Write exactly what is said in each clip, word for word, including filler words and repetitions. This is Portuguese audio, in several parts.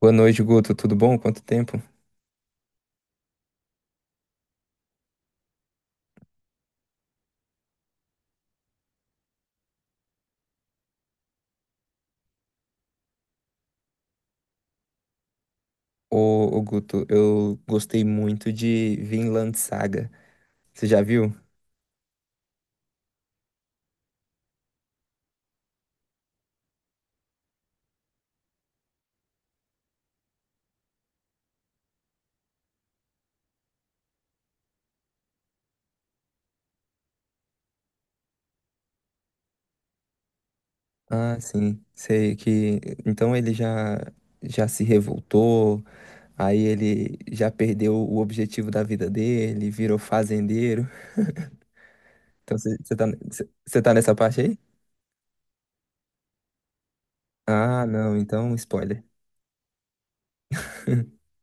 Boa noite, Guto. Tudo bom? Quanto tempo? Ô, ô, Guto, eu gostei muito de Vinland Saga. Você já viu? Ah, sim. Sei que. Então ele já, já se revoltou, aí ele já perdeu o objetivo da vida dele, virou fazendeiro. Então você você tá, você você tá nessa parte aí? Ah, não. Então, spoiler.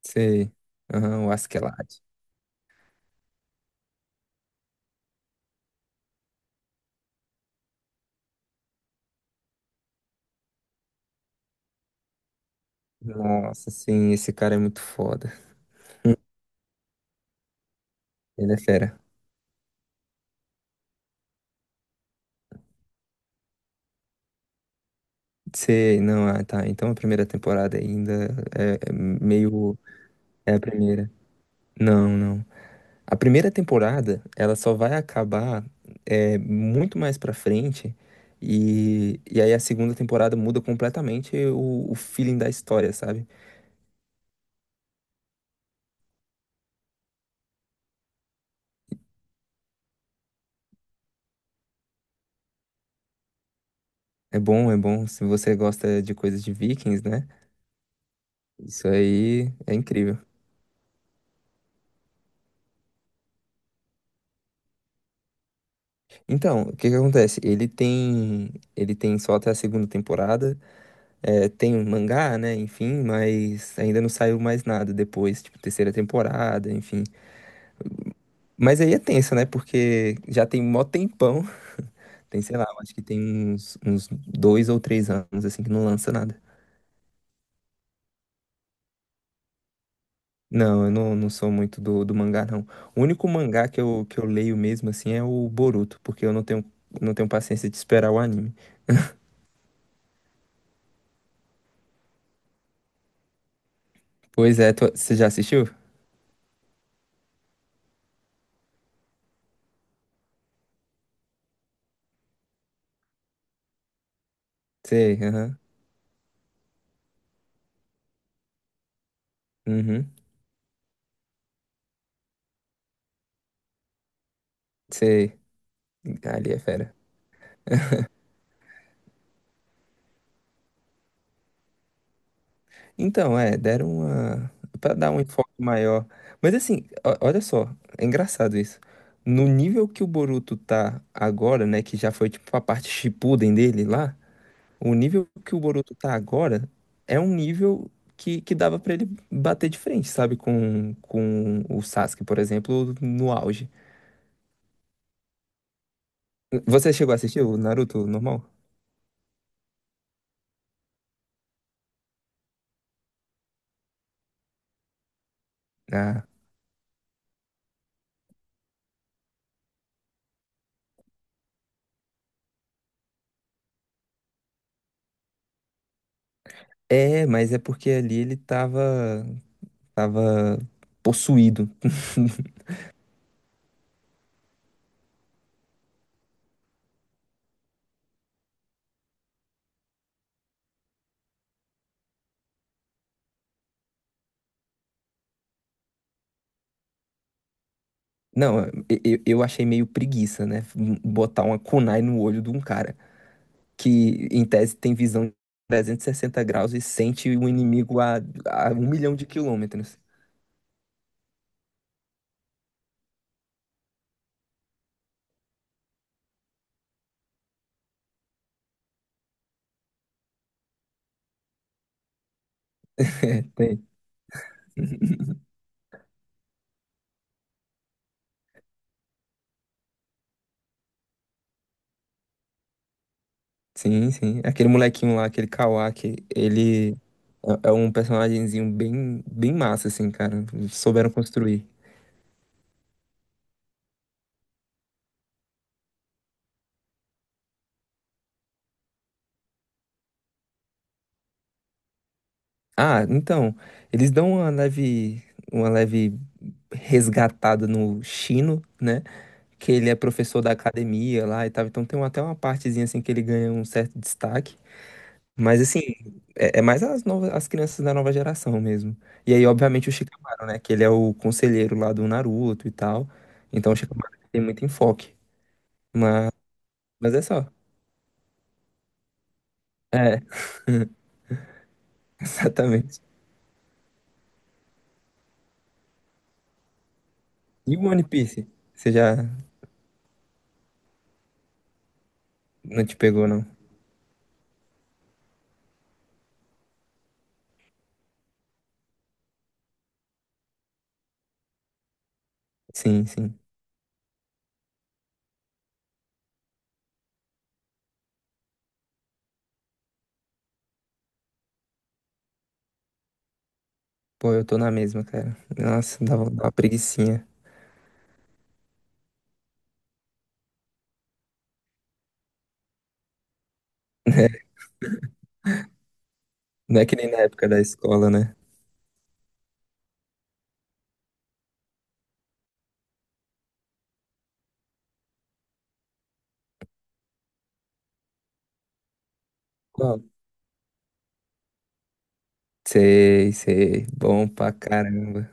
Sei. Aham, o Askeladd. Nossa, sim, esse cara é muito foda. Ele é fera. Sei, não, ah, tá. Então a primeira temporada ainda é, é meio. É a primeira. Não, não. A primeira temporada, ela só vai acabar é, muito mais pra frente. E, e aí a segunda temporada muda completamente o, o feeling da história, sabe? É bom, é bom. Se você gosta de coisas de Vikings, né? Isso aí é incrível. Então, o que que acontece? Ele tem, ele tem só até a segunda temporada. É, tem um mangá, né? Enfim, mas ainda não saiu mais nada depois, tipo, terceira temporada, enfim. Mas aí é tenso, né? Porque já tem mó tempão. Tem, sei lá, eu acho que tem uns, uns dois ou três anos, assim, que não lança nada. Não, eu não, não sou muito do, do mangá, não. O único mangá que eu, que eu leio mesmo, assim, é o Boruto, porque eu não tenho, não tenho paciência de esperar o anime. Pois é, tu- você já assistiu? Sei, aham. Uhum, sei. Ali é fera. Então, é, deram uma. Pra dar um enfoque maior. Mas assim, o- olha só, é engraçado isso. No nível que o Boruto tá agora, né, que já foi tipo a parte Shippuden dele lá, o nível que o Boruto tá agora é um nível que, que dava pra ele bater de frente, sabe? Com, com o Sasuke, por exemplo, no auge. Você chegou a assistir o Naruto normal? Ah, é, mas é porque ali ele tava, tava possuído. Não, eu, eu eu achei meio preguiça, né? Botar uma kunai no olho de um cara que, em tese, tem visão de trezentos e sessenta graus e sente o inimigo a, a um milhão de quilômetros. É, tem. Sim, sim. Aquele molequinho lá, aquele Kawaki, ele é é um personagemzinho bem, bem massa, assim, cara. Souberam construir. Ah, então, eles dão uma leve, uma leve resgatada no Shino, né? Que ele é professor da academia lá e tal. Então tem até uma partezinha assim que ele ganha um certo destaque. Mas assim, é, é mais as novas, as crianças da nova geração mesmo. E aí, obviamente, o Shikamaru, né? Que ele é o conselheiro lá do Naruto e tal. Então o Shikamaru tem muito enfoque. Mas, mas é só. É, exatamente. E o One Piece? Você já não te pegou, não? Sim, sim. Pô, eu tô na mesma, cara. Nossa, dá, uma- dá uma preguicinha. Não é que nem na época da escola, né? Qual? Sei, sei. Bom pra caramba.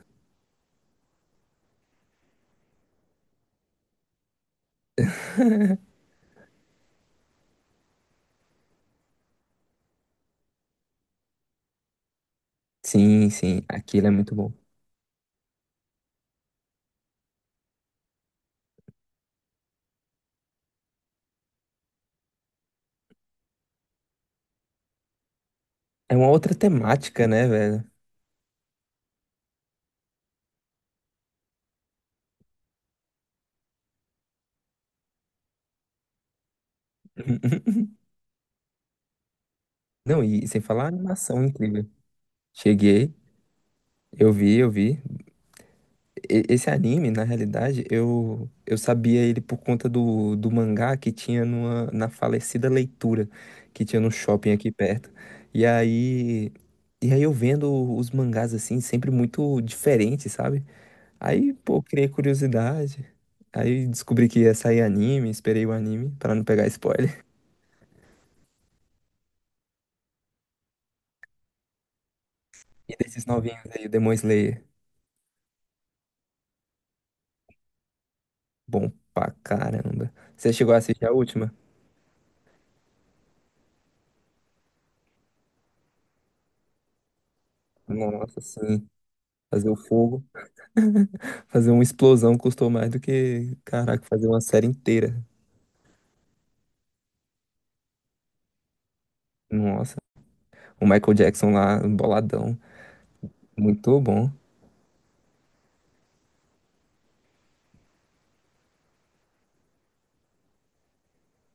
Sim, sim, aquilo é muito bom. É uma outra temática, né, velho? Não, e sem falar a animação incrível. Cheguei, eu vi, eu vi. E- Esse anime, na realidade, eu, eu sabia ele por conta do, do mangá que tinha numa, na falecida leitura, que tinha no shopping aqui perto. E aí, e aí eu vendo os mangás assim, sempre muito diferentes, sabe? Aí, pô, criei curiosidade. Aí descobri que ia sair anime, esperei o anime pra não pegar spoiler. E desses novinhos aí, o Demon Slayer. Bom pra caramba. Você chegou a assistir a última? Nossa, sim. Fazer o fogo, fazer uma explosão custou mais do que, caraca, fazer uma série inteira. Nossa, o Michael Jackson lá, boladão. Muito bom.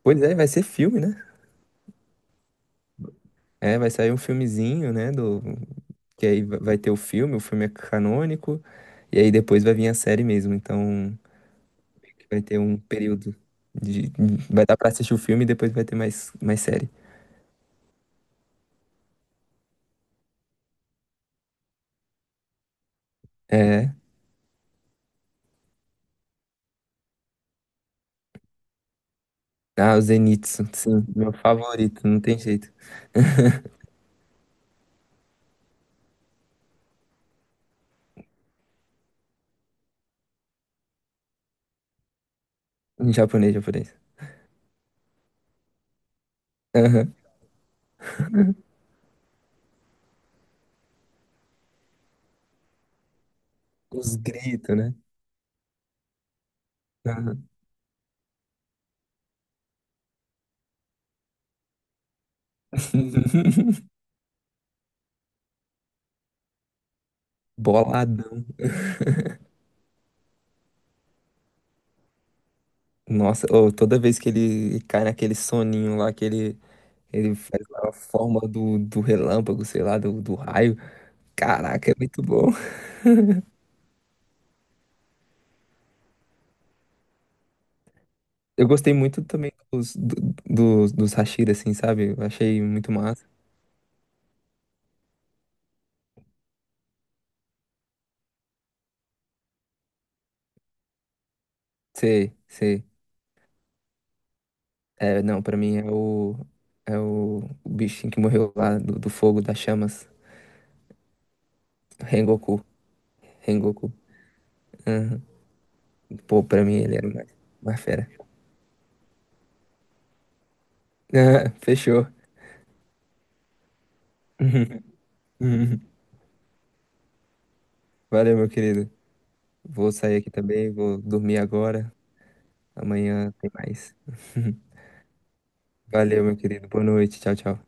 Pois é, vai ser filme, né? É, vai sair um filmezinho, né? Do... Que aí va- vai ter o filme, o filme é canônico, e aí depois vai vir a série mesmo. Então vai ter um período de. Vai dar pra assistir o filme e depois vai ter mais, mais série. É. Ah, o Zenitsu, sim, meu favorito, não tem jeito. Em japonês, japonês. Aham. Os gritos, né? Aham. Boladão. Nossa, ô, toda vez que ele cai naquele soninho lá, que ele ele faz lá a forma do, do relâmpago, sei lá, do, do raio. Caraca, é muito bom. Eu gostei muito também dos, do- dos, dos Hashira, assim, sabe? Eu achei muito massa. Sei, sei. É, não, pra mim é o, é o, o bichinho que morreu lá do, do fogo, das chamas. Rengoku. Rengoku. Aham. Pô, pra mim ele era uma, uma fera. Ah, fechou. Uhum. Valeu, meu querido. Vou sair aqui também, vou dormir agora. Amanhã tem mais. Valeu, meu querido. Boa noite. Tchau, tchau.